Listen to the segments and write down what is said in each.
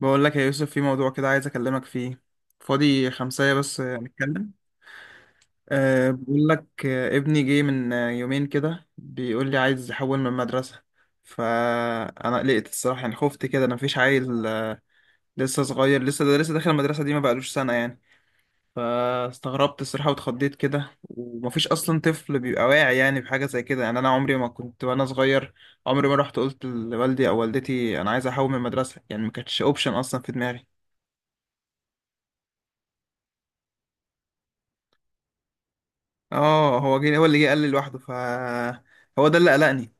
بقول لك يا يوسف، في موضوع كده عايز اكلمك فيه. فاضي خمسة بس، نتكلم. بقول لك، ابني جه من يومين كده، بيقول لي عايز يحول من مدرسة. فانا قلقت الصراحة، يعني خفت كده. انا مفيش عيل لسه صغير، لسه ده لسه داخل المدرسة دي، ما بقالوش سنة يعني. فاستغربت الصراحة واتخضيت كده، ومفيش اصلا طفل بيبقى واعي يعني بحاجة زي كده. يعني انا عمري ما كنت وانا صغير، عمري ما رحت قلت لوالدي او والدتي انا عايز احول من مدرسة. يعني ما كانتش اوبشن اصلا في دماغي. اه، هو اللي جه قال لي لوحده. هو ده اللي قلقني.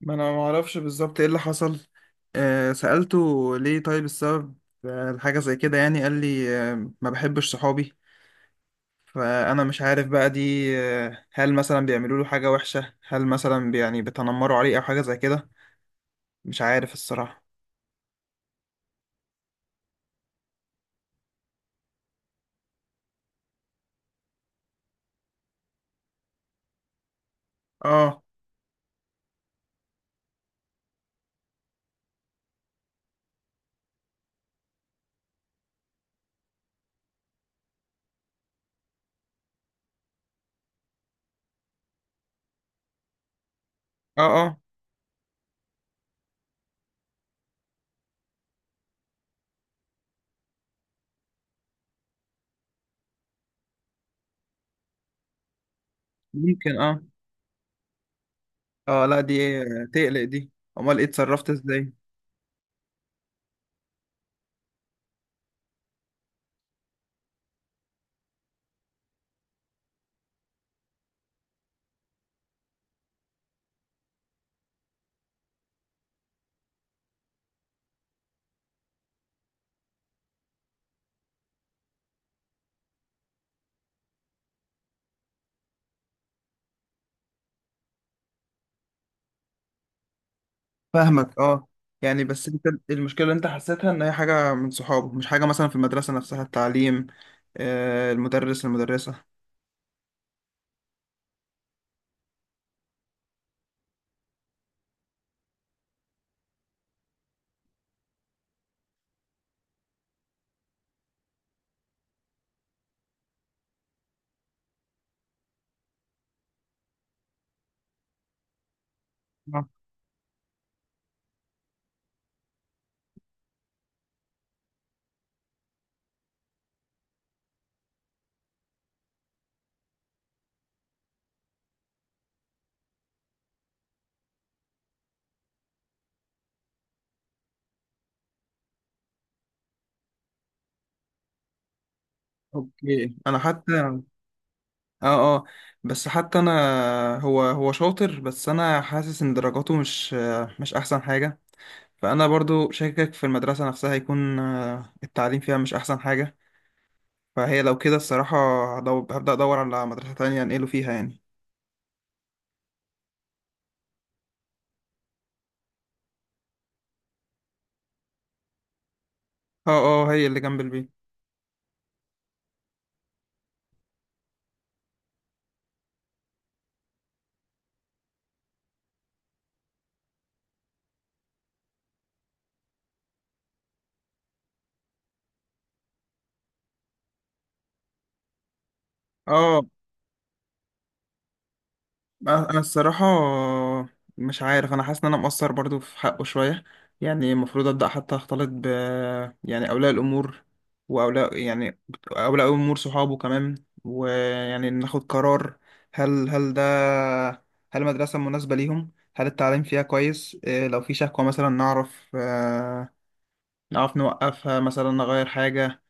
ما انا ما اعرفش بالظبط ايه اللي حصل. سألته ليه طيب السبب، الحاجة زي كده، يعني قال لي ما بحبش صحابي. فانا مش عارف بقى دي، هل مثلا بيعملوا له حاجة وحشة، هل مثلا يعني بيتنمروا عليه او حاجة زي كده. مش عارف الصراحة. اه، اه، اه، ممكن، اه. اه، لا دي تقلق دي. امال ايه، اتصرفت ازاي؟ فاهمك. اه، يعني بس انت، المشكله اللي انت حسيتها ان هي حاجه من صحابه، مش حاجه مثلا في المدرسه نفسها، التعليم، المدرسه، آه، اوكي. انا حتى، اه، اه، بس حتى انا هو شاطر، بس انا حاسس ان درجاته مش احسن حاجه. فانا برضو شاكك في المدرسه نفسها، يكون التعليم فيها مش احسن حاجه. فهي لو كده الصراحه، هبدا ادور على مدرسه تانية انقله فيها يعني. اه، اه، هي اللي جنب البيت. اه، أنا الصراحه، مش عارف. انا حاسس ان انا مقصر برضو في حقه شويه، يعني المفروض ابدا حتى اختلط يعني اولياء الامور، يعني اولياء الامور صحابه كمان، ويعني ناخد قرار، هل ده، هل المدرسه مناسبه ليهم، هل التعليم فيها كويس، إيه لو في شكوى مثلا نعرف نعرف نوقفها، مثلا نغير حاجه،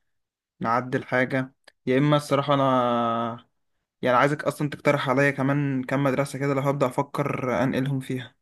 نعدل حاجه، يا اما الصراحه انا، يعني عايزك اصلا تقترح عليا كمان كام مدرسة كده، لو هبدأ افكر انقلهم فيها.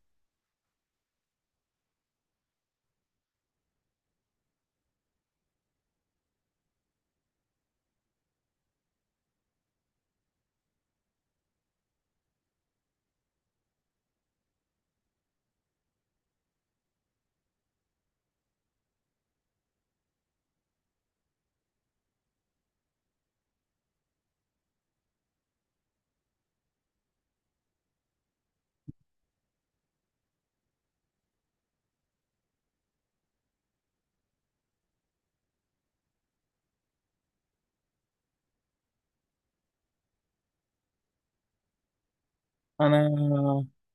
انا،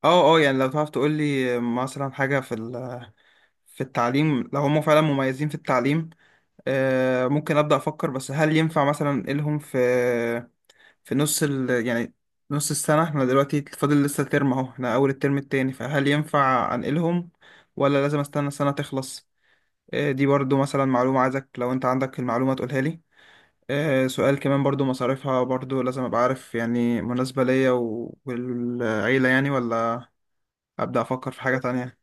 اه، اه، يعني لو تعرف تقول لي مثلا حاجة في التعليم، لو هم فعلا مميزين في التعليم ممكن ابدأ افكر. بس هل ينفع مثلا انقلهم في يعني نص السنة؟ احنا دلوقتي فاضل لسه ترم اهو، احنا اول الترم التاني، فهل ينفع انقلهم ولا لازم استنى السنة تخلص؟ دي برضو مثلا معلومة عايزك لو انت عندك المعلومة تقولها لي. سؤال كمان برضو، مصاريفها برضو لازم ابقى عارف، يعني مناسبة ليا والعيلة يعني، ولا ابدا افكر في حاجة تانية.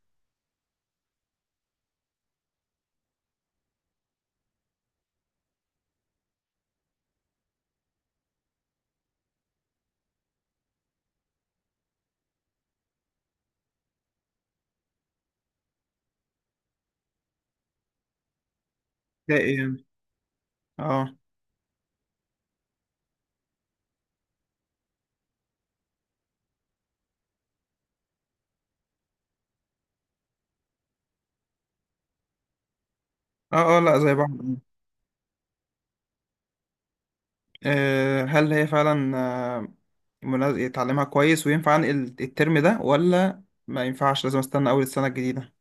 ده ايه يعني؟ اه، اه، اه، لا زي بعض. هل هي فعلا يتعلمها كويس، وينفع انقل الترم ده ولا ما ينفعش لازم استنى اول السنة الجديدة؟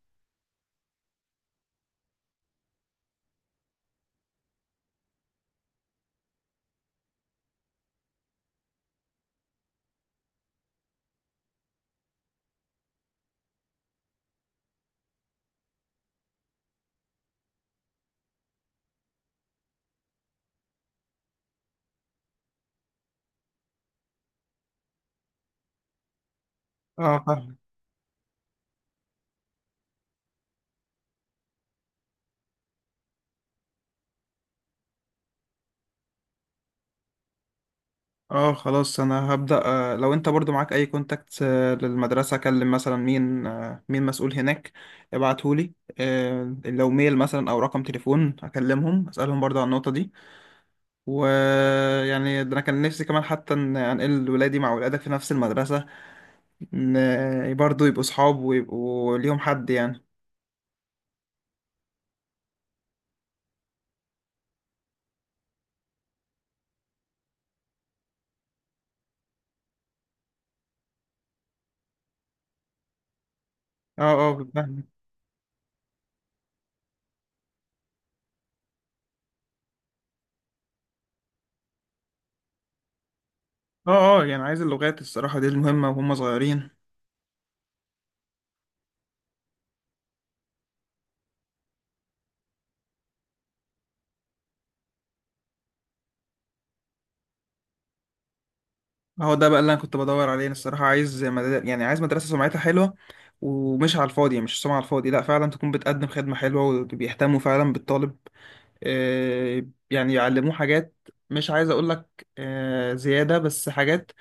اه، اه، خلاص انا هبدأ. لو انت برضو معاك اي كونتاكت للمدرسة، اكلم مثلا مين، مين مسؤول هناك، ابعتهولي. لو ميل مثلا او رقم تليفون اكلمهم اسألهم برضو عن النقطة دي. ويعني ده انا كان نفسي كمان حتى ان انقل ولادي مع ولادك في نفس المدرسة، ان برضو يبقوا صحاب ويبقوا ليهم حد يعني. اه، اه، فاهم. اه، اه، يعني عايز اللغات الصراحة، دي المهمة وهم صغيرين. هو ده بقى اللي انا كنت بدور عليه. انا الصراحه عايز يعني عايز مدرسه سمعتها حلوه، ومش على الفاضي، مش سمعه على الفاضي، لا فعلا تكون بتقدم خدمه حلوه وبيهتموا فعلا بالطالب. يعني يعلموه حاجات، مش عايز اقول لك زياده، بس حاجات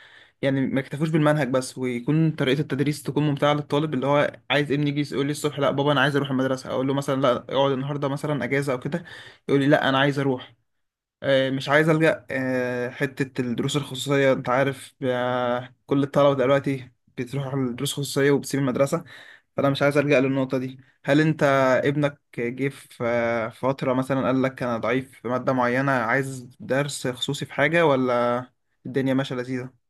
يعني ما يكتفوش بالمنهج بس، ويكون طريقه التدريس تكون ممتعه للطالب. اللي هو عايز ابني يجي يقول لي الصبح لا بابا انا عايز اروح المدرسه، اقول له مثلا لا اقعد النهارده مثلا اجازه او كده، يقول لي لا انا عايز اروح. مش عايز ألجأ حتة الدروس الخصوصية. أنت عارف كل الطلبة دلوقتي بتروح على الدروس الخصوصية وبتسيب المدرسة. فأنا مش عايز ألجأ للنقطة دي. هل أنت ابنك جه في فترة مثلا قال لك أنا ضعيف في مادة معينة عايز درس خصوصي في حاجة، ولا الدنيا ماشية لذيذة؟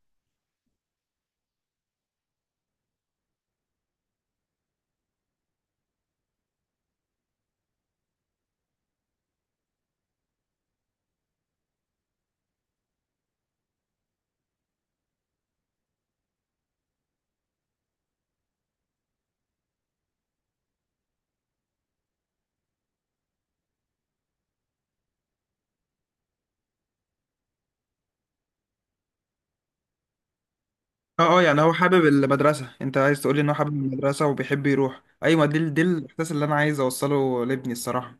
اه، اه، يعني هو حابب المدرسة؟ انت عايز تقولي ان هو حابب المدرسة وبيحب يروح؟ ايوه، دي الاحساس اللي انا عايز اوصله لابني الصراحة.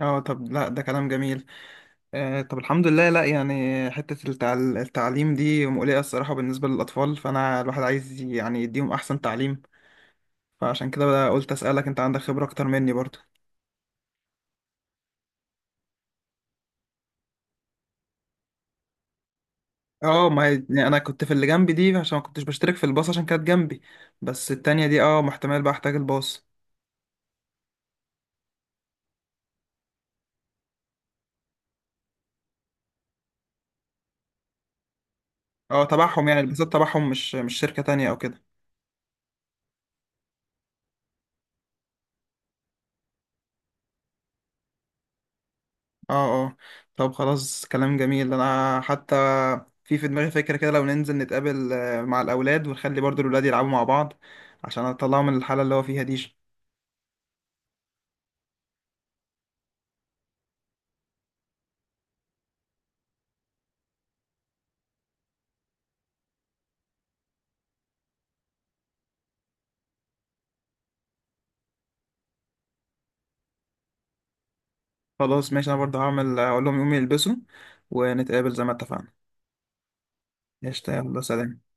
اه، طب لا ده كلام جميل. طب الحمد لله. لا يعني حتة التعليم دي مقلقة الصراحة بالنسبة للأطفال، فأنا الواحد عايز يعني يديهم أحسن تعليم، فعشان كده قلت أسألك، أنت عندك خبرة أكتر مني برضه. اه، ما هي- يعني أنا كنت في اللي جنبي دي عشان ما كنتش بشترك في الباص، عشان كانت جنبي، بس التانية دي اه، محتمل بقى أحتاج الباص. اه، تبعهم يعني؟ الباصات تبعهم مش شركة تانية أو كده؟ اه، اه، طب خلاص كلام جميل. انا حتى في دماغي فكرة كده، لو ننزل نتقابل مع الاولاد، ونخلي برضو الاولاد يلعبوا مع بعض عشان اطلعهم من الحالة اللي هو فيها دي. خلاص ماشي، انا برضو هعمل اقول لهم يقوموا يلبسوا، ونتقابل زي ما اتفقنا. قشطة، يلا سلام.